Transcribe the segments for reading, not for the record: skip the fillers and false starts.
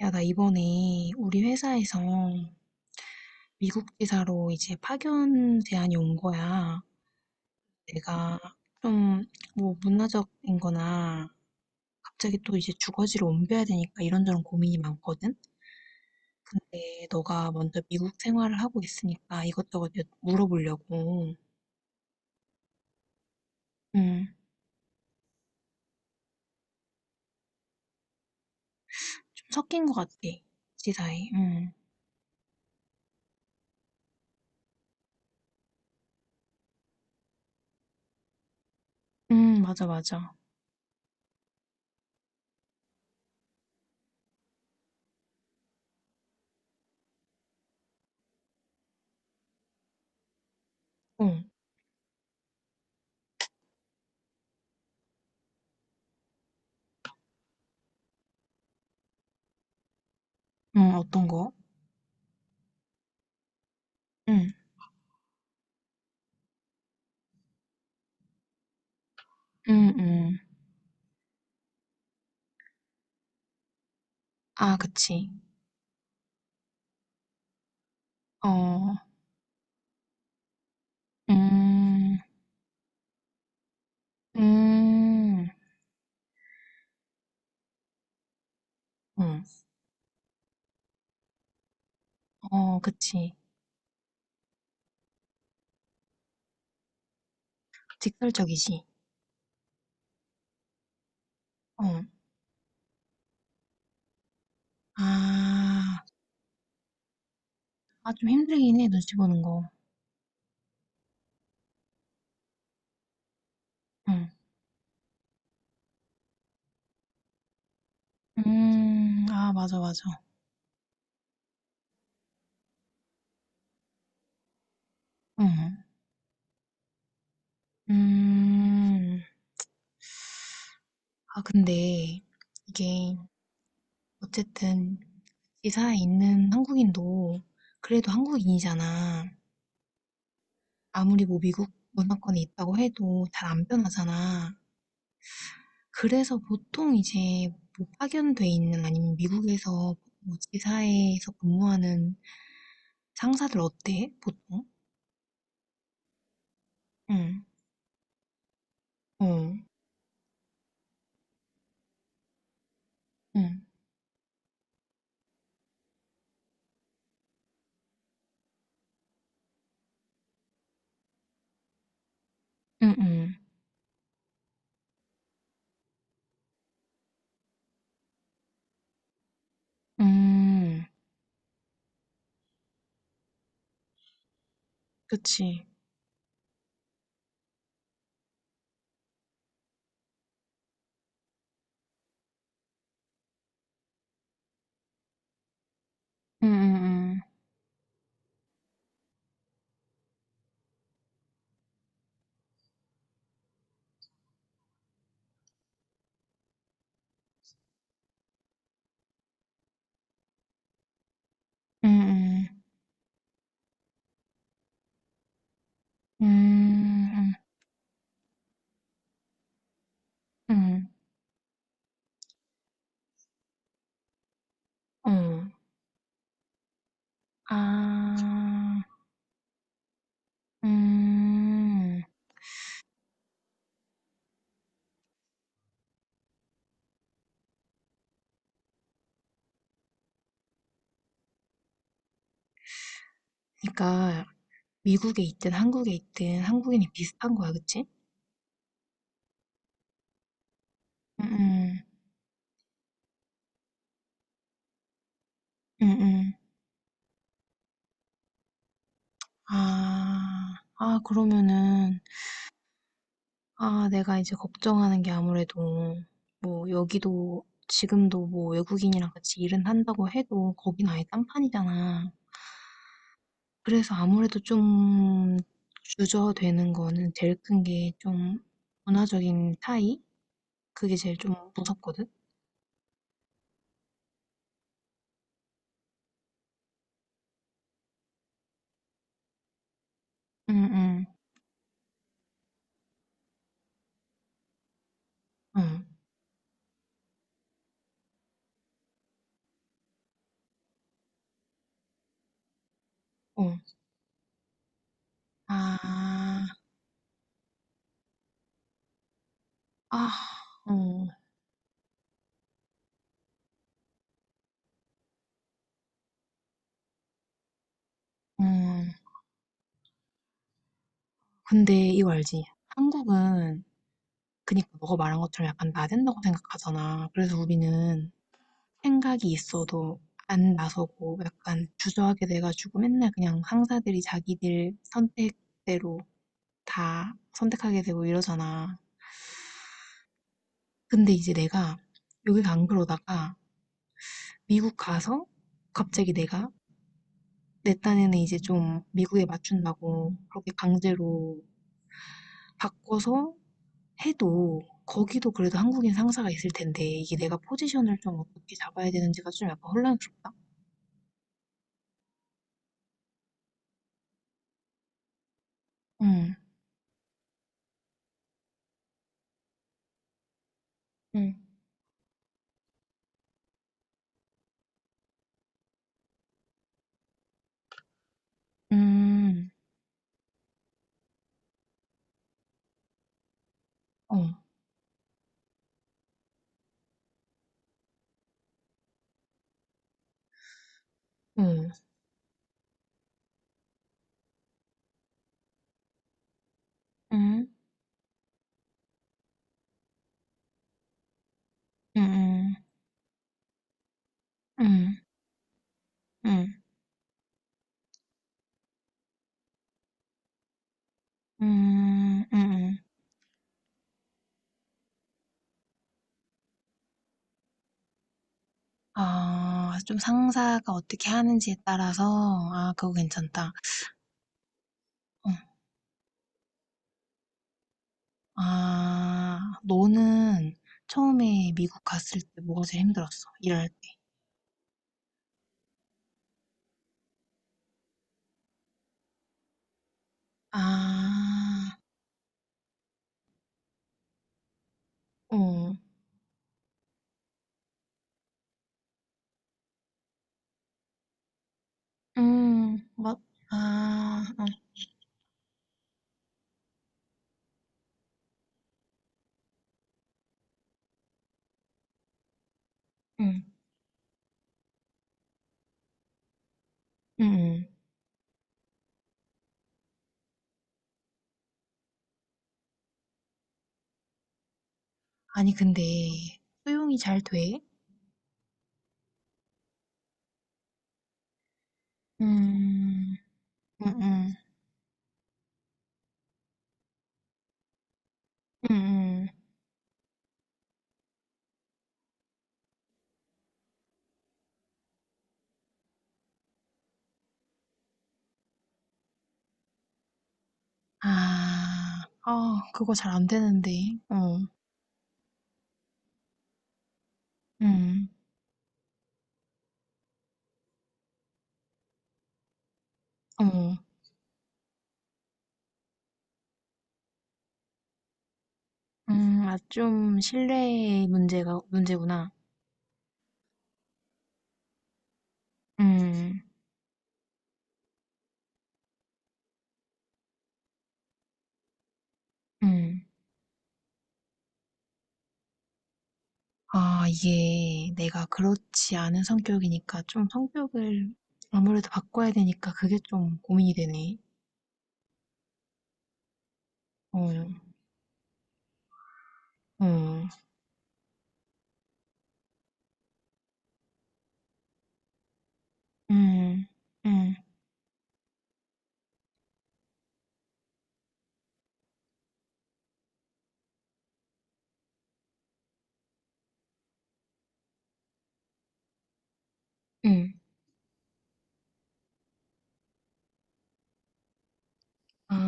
야, 나 이번에 우리 회사에서 미국 지사로 이제 파견 제안이 온 거야. 내가 좀 뭐 문화적인 거나 갑자기 또 이제 주거지를 옮겨야 되니까 이런저런 고민이 많거든? 근데 너가 먼저 미국 생활을 하고 있으니까 이것저것 물어보려고. 응. 좀 섞인 것 같아. 지사에. 응, 응, 맞아, 맞아. 어, 응, 어떤 거? 응, 응, 응. 아, 그치. 어, 음. 음. 응. 어 그치. 직설적이지. 어. 아. 아 좀 힘들긴 해 눈치 보는 거. 응. 음. 아 맞아, 맞아. 응. 음. 아 근데 이게 어쨌든 지사에 있는 한국인도 그래도 한국인이잖아. 아무리 뭐 미국 문화권에 있다고 해도 잘 안 변하잖아. 그래서 보통 이제 뭐 파견돼 있는 아니면 미국에서 뭐 지사에서 근무하는 상사들 어때? 보통? 응, 어, 응, 응, 응, 음, 그치. 응, 응, 응, 응, 응, 응, 응, 응, 어, 아, 음. 그러니까 미국에 있든 한국에 있든 한국인이 비슷한 거야, 그치? 응, 응, 응, 응. 아, 아, 그러면은 아, 내가 이제 걱정하는 게 아무래도 뭐 여기도 지금도 뭐 외국인이랑 같이 일은 한다고 해도 거긴 아예 딴판이잖아. 그래서 아무래도 좀 주저되는 거는 제일 큰 게 좀 문화적인 차이? 그게 제일 좀 무섭거든? 응, 응, 응, 어. 아, 아, 어, 음. 근데 이거 알지? 한국은 그니까 너가 말한 것처럼 약간 나댄다고 생각하잖아. 그래서 우리는 생각이 있어도 안 나서고 약간 주저하게 돼 가지고 맨날 그냥 상사들이 자기들 선택대로 다 선택하게 되고 이러잖아. 근데 이제 내가 여기가 안 그러다가 미국 가서 갑자기 내가 내 딴에는 이제 좀 미국에 맞춘다고 그렇게 강제로 바꿔서 해도 거기도 그래도 한국인 상사가 있을 텐데 이게 내가 포지션을 좀 어떻게 잡아야 되는지가 좀 약간 혼란스럽다. 응, 응. 음, 어, 응. 음. 음음. 음. 음. 음. 음음. 아 좀 상사가 어떻게 하는지에 따라서 아 그거 괜찮다. 어. 아 너는 처음에 미국 갔을 때 뭐가 제일 힘들었어? 일할 때. 아. 어. 음. 맞 아. 어. 음. 음음. 아니 근데 수용이 잘 돼? 음. 음음. 음음. 아. 아 그거 잘 안 되는데. 어. 음. 어. 음. 아 좀 신뢰의 문제가 문제구나. 음. 음. 아 이게 내가 그렇지 않은 성격이니까 좀 성격을 아무래도 바꿔야 되니까 그게 좀 고민이 되네. 어. 어. 음. 음. 음. 아.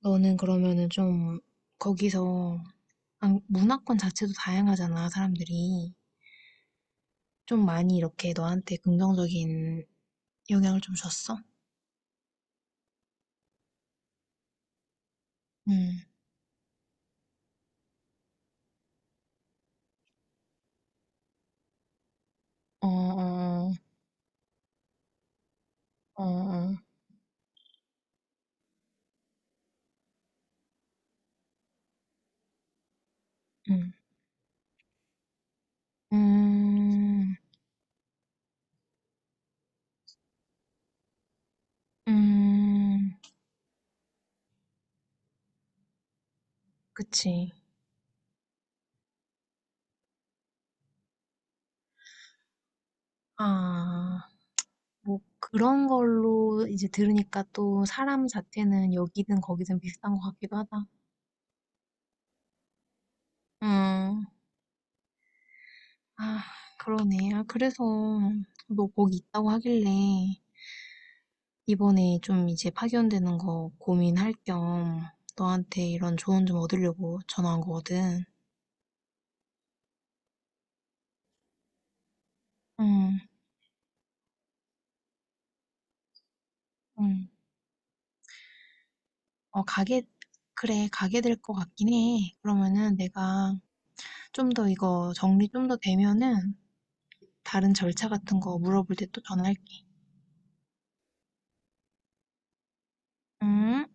너는 그러면은 좀 거기서 안 문화권 자체도 다양하잖아, 사람들이. 좀 많이 이렇게 너한테 긍정적인 영향을 좀 줬어? 음, 어, 어, 어, 어, 음, 음, 음, 그치. 아, 뭐 그런 걸로 이제 들으니까 또 사람 자체는 여기든 거기든 비슷한 것 같기도 하다. 음, 아, 그러네. 아, 그래서 너 거기 있다고 하길래 이번에 좀 이제 파견되는 거 고민할 겸 너한테 이런 조언 좀 얻으려고 전화한 거거든. 응, 응. 어, 가게, 그래, 가게 될 것 같긴 해. 그러면은 내가 좀 더 이거 정리 좀 더 되면은 다른 절차 같은 거 물어볼 때 또 전화할게. 응.